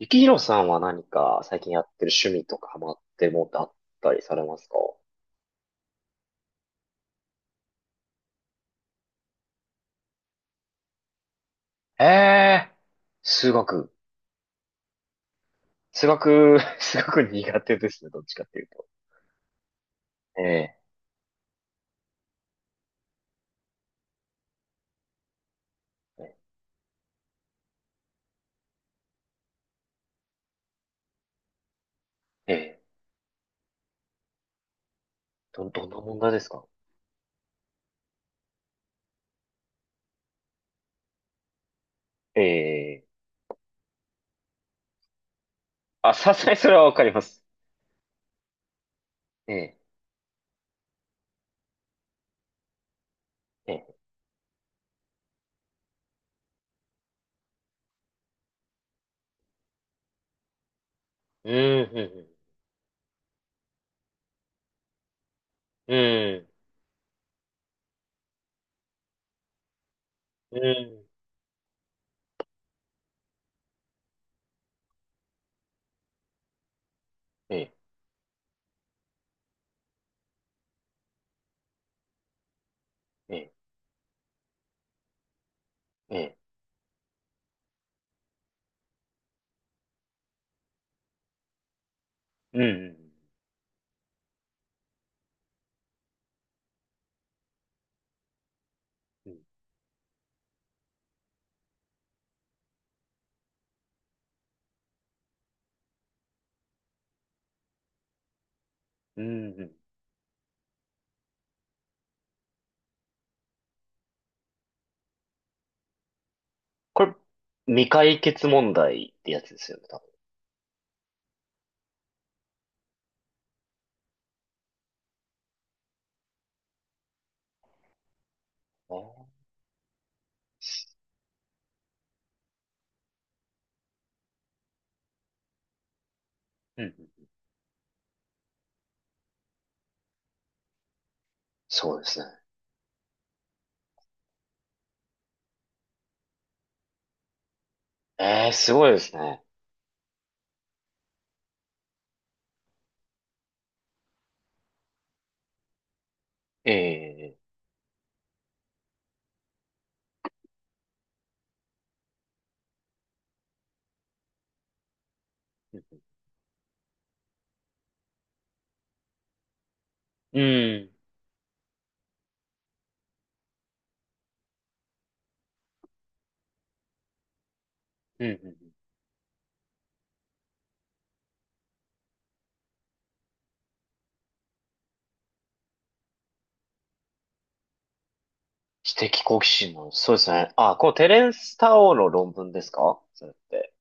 ゆきひろさんは何か最近やってる趣味とかハマってるものってあったりされますか？ええー、数学。数学、数学苦手ですね、どっちかっていうと。ええ、ええ、どんな問題ですか？ええ、あ、さすがにそれはわかります。ええ、ええ、うん、うん、うん、うん、ええ、ええ、ええ、うん、うん、うん、うんうん。これ、未解決問題ってやつですよね、多分ね。うん、うん。そうですね。ええ、すごいですね。ええ、うん。うんうんうん。知的好奇心の、そうですね。あ、こう、テレンス・タオの論文ですかそれって？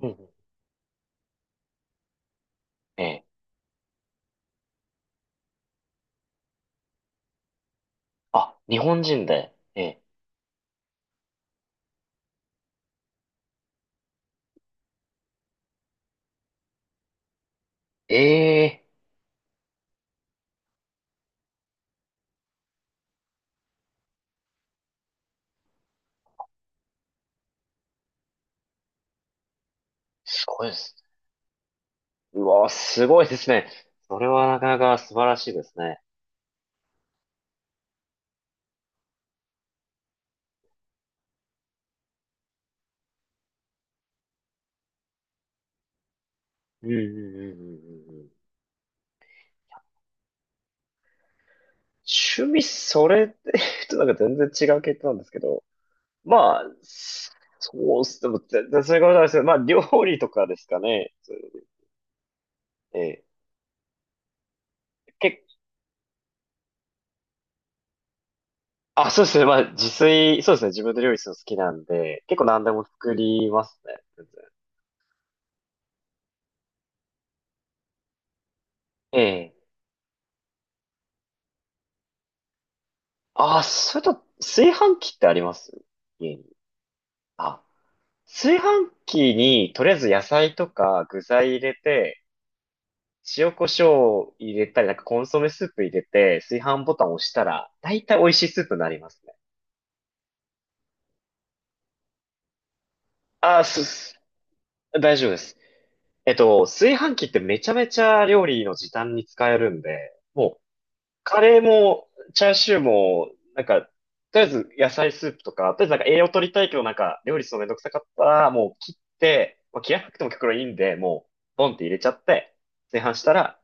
うんうん、ええ。あ、日本人で。ええ。ええ、すごいですね。うわ、すごいですね。それはなかなか素晴らしいですね。うんうんうんうんうんうん。趣味、それって、ちょっとなんか全然違う系統なんですけど。まあ、そうっす。でも全然そういうことないですけど、まあ、料理とかですかね。そういうの、ええ。結あ、そうですね。まあ、自炊、そうですね。自分で料理するの好きなんで、結構何でも作りますね。全然。ええ。あ、それと、炊飯器ってあります家に？あ、炊飯器に、とりあえず野菜とか具材入れて、塩コショウを入れたり、なんかコンソメスープ入れて、炊飯ボタンを押したら、だいたい美味しいスープになりますね。あ、大丈夫です。炊飯器ってめちゃめちゃ料理の時短に使えるんで、もう、カレーも、チャーシューも、なんか、とりあえず野菜スープとか、とりあえずなんか栄養取りたいけどなんか料理するのめんどくさかったら、もう切って、まあ、切らなくても結構いいんで、もう、ボンって入れちゃって、炊飯したら、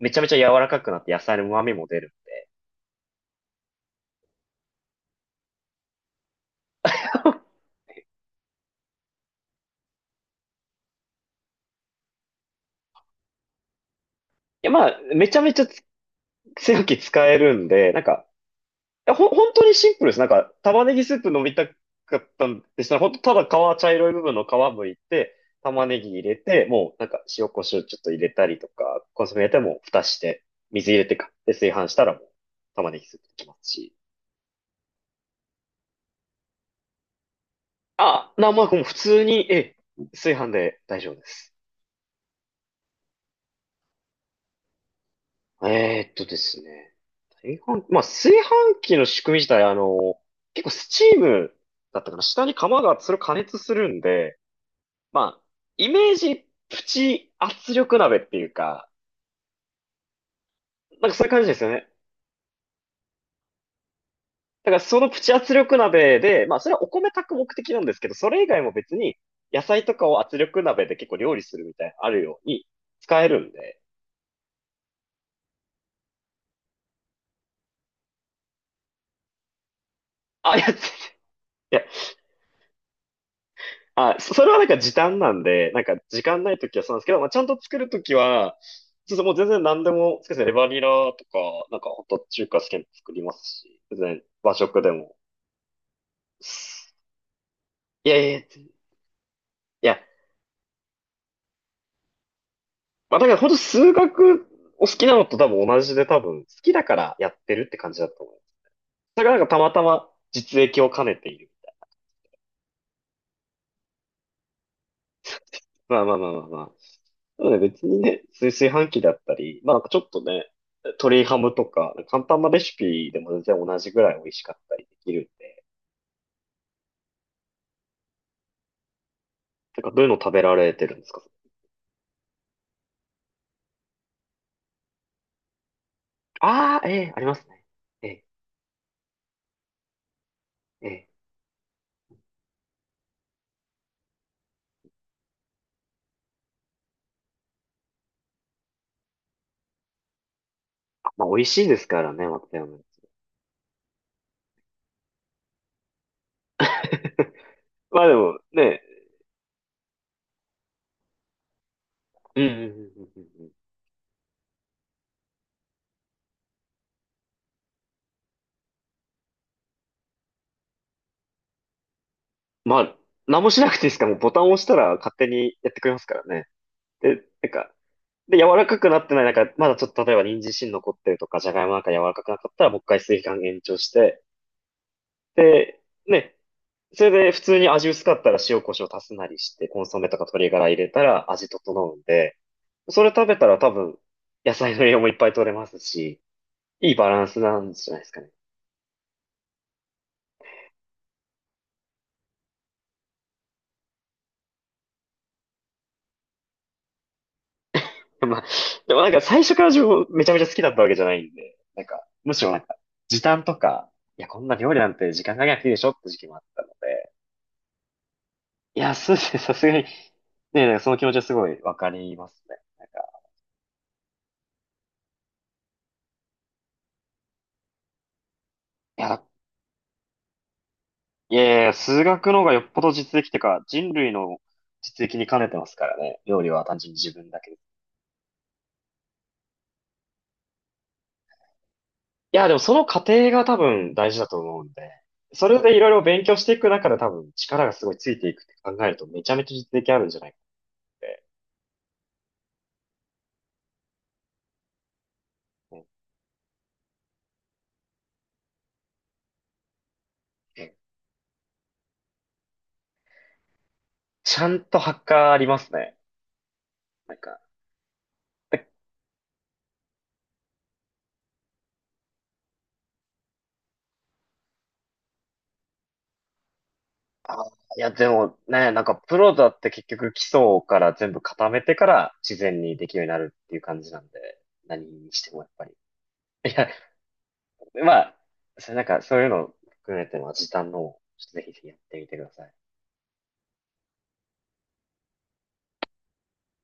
めちゃめちゃ柔らかくなって野菜の旨味も出るんで。いや、まあ、めちゃめちゃ炊飯器使えるんで、なんか、本当にシンプルです。なんか、玉ねぎスープ飲みたかったんでしたら、本当ただ皮、茶色い部分の皮剥いて、玉ねぎ入れて、もうなんか塩コショウちょっと入れたりとか、コンソメ入れてもう蓋して、水入れてで、炊飯したらもう玉ねぎスープできますし。あ、まあ、もう普通に、ええ、炊飯で大丈夫です。ですね。まあ、炊飯器の仕組み自体、結構スチームだったかな。下に釜が、それを加熱するんで、まあ、イメージプチ圧力鍋っていうか、なんかそういう感じですよね。だからそのプチ圧力鍋で、まあそれはお米炊く目的なんですけど、それ以外も別に野菜とかを圧力鍋で結構料理するみたいなのあるように使えるんで。あ、いや、いや、あ、それはなんか時短なんで、なんか時間ない時はそうなんですけど、まあちゃんと作る時は、ちょっともう全然何でも、そうですね、レバニラとか、なんかホット中華好きなの作りますし、全然和食でも。いやいや、いや、まあ、だから本当数学お好きなのと多分同じで多分好きだからやってるって感じだと思います。だからなんかたまたま実益を兼ねている。まあまあまあまあまあ。でもね、別にね、炊飯器だったり、まあなんかちょっとね、鶏ハムとか、簡単なレシピでも全然同じぐらい美味しかったりできるんで、なんかどういうの食べられてるんですか？ああー、ええありますね。ええええ、まあ美味しいですからね、松山。まあでもね、うんうんうんうんうんうん。まあ、何もしなくていいですから、もうボタンを押したら勝手にやってくれますからね。で、なんか、で、柔らかくなってない、なんか、まだちょっと例えば人参芯残ってるとか、じゃがいもなんか柔らかくなかったら、もう一回炊飯延長して、で、ね、それで普通に味薄かったら塩コショウ足すなりして、コンソメとか鶏ガラ入れたら味整うんで、それ食べたら多分、野菜の栄養もいっぱい取れますし、いいバランスなんじゃないですかね。まあ、でもなんか最初から自分めちゃめちゃ好きだったわけじゃないんで、なんか、むしろなんか、時短とか、いや、こんな料理なんて時間かけなくていいでしょって時期もあったので、いや、そうですね、さすがに、ね、なんかその気持ちはすごいわかりますね。なんか、いや、いやいや、数学の方がよっぽど実益というか、人類の実益に兼ねてますからね、料理は単純に自分だけで。いや、でもその過程が多分大事だと思うんで、それでいろいろ勉強していく中で多分力がすごいついていくって考えるとめちゃめちゃ実益あるんじゃないかって。え、ちゃんとハッカーありますね。なんか、であー、いや、でもね、なんかプロだって結局基礎から全部固めてから自然にできるようになるっていう感じなんで、何にしてもやっぱり。いや、まあ、それなんかそういうの含めても時短の方をちょっとぜひぜひやってみてください。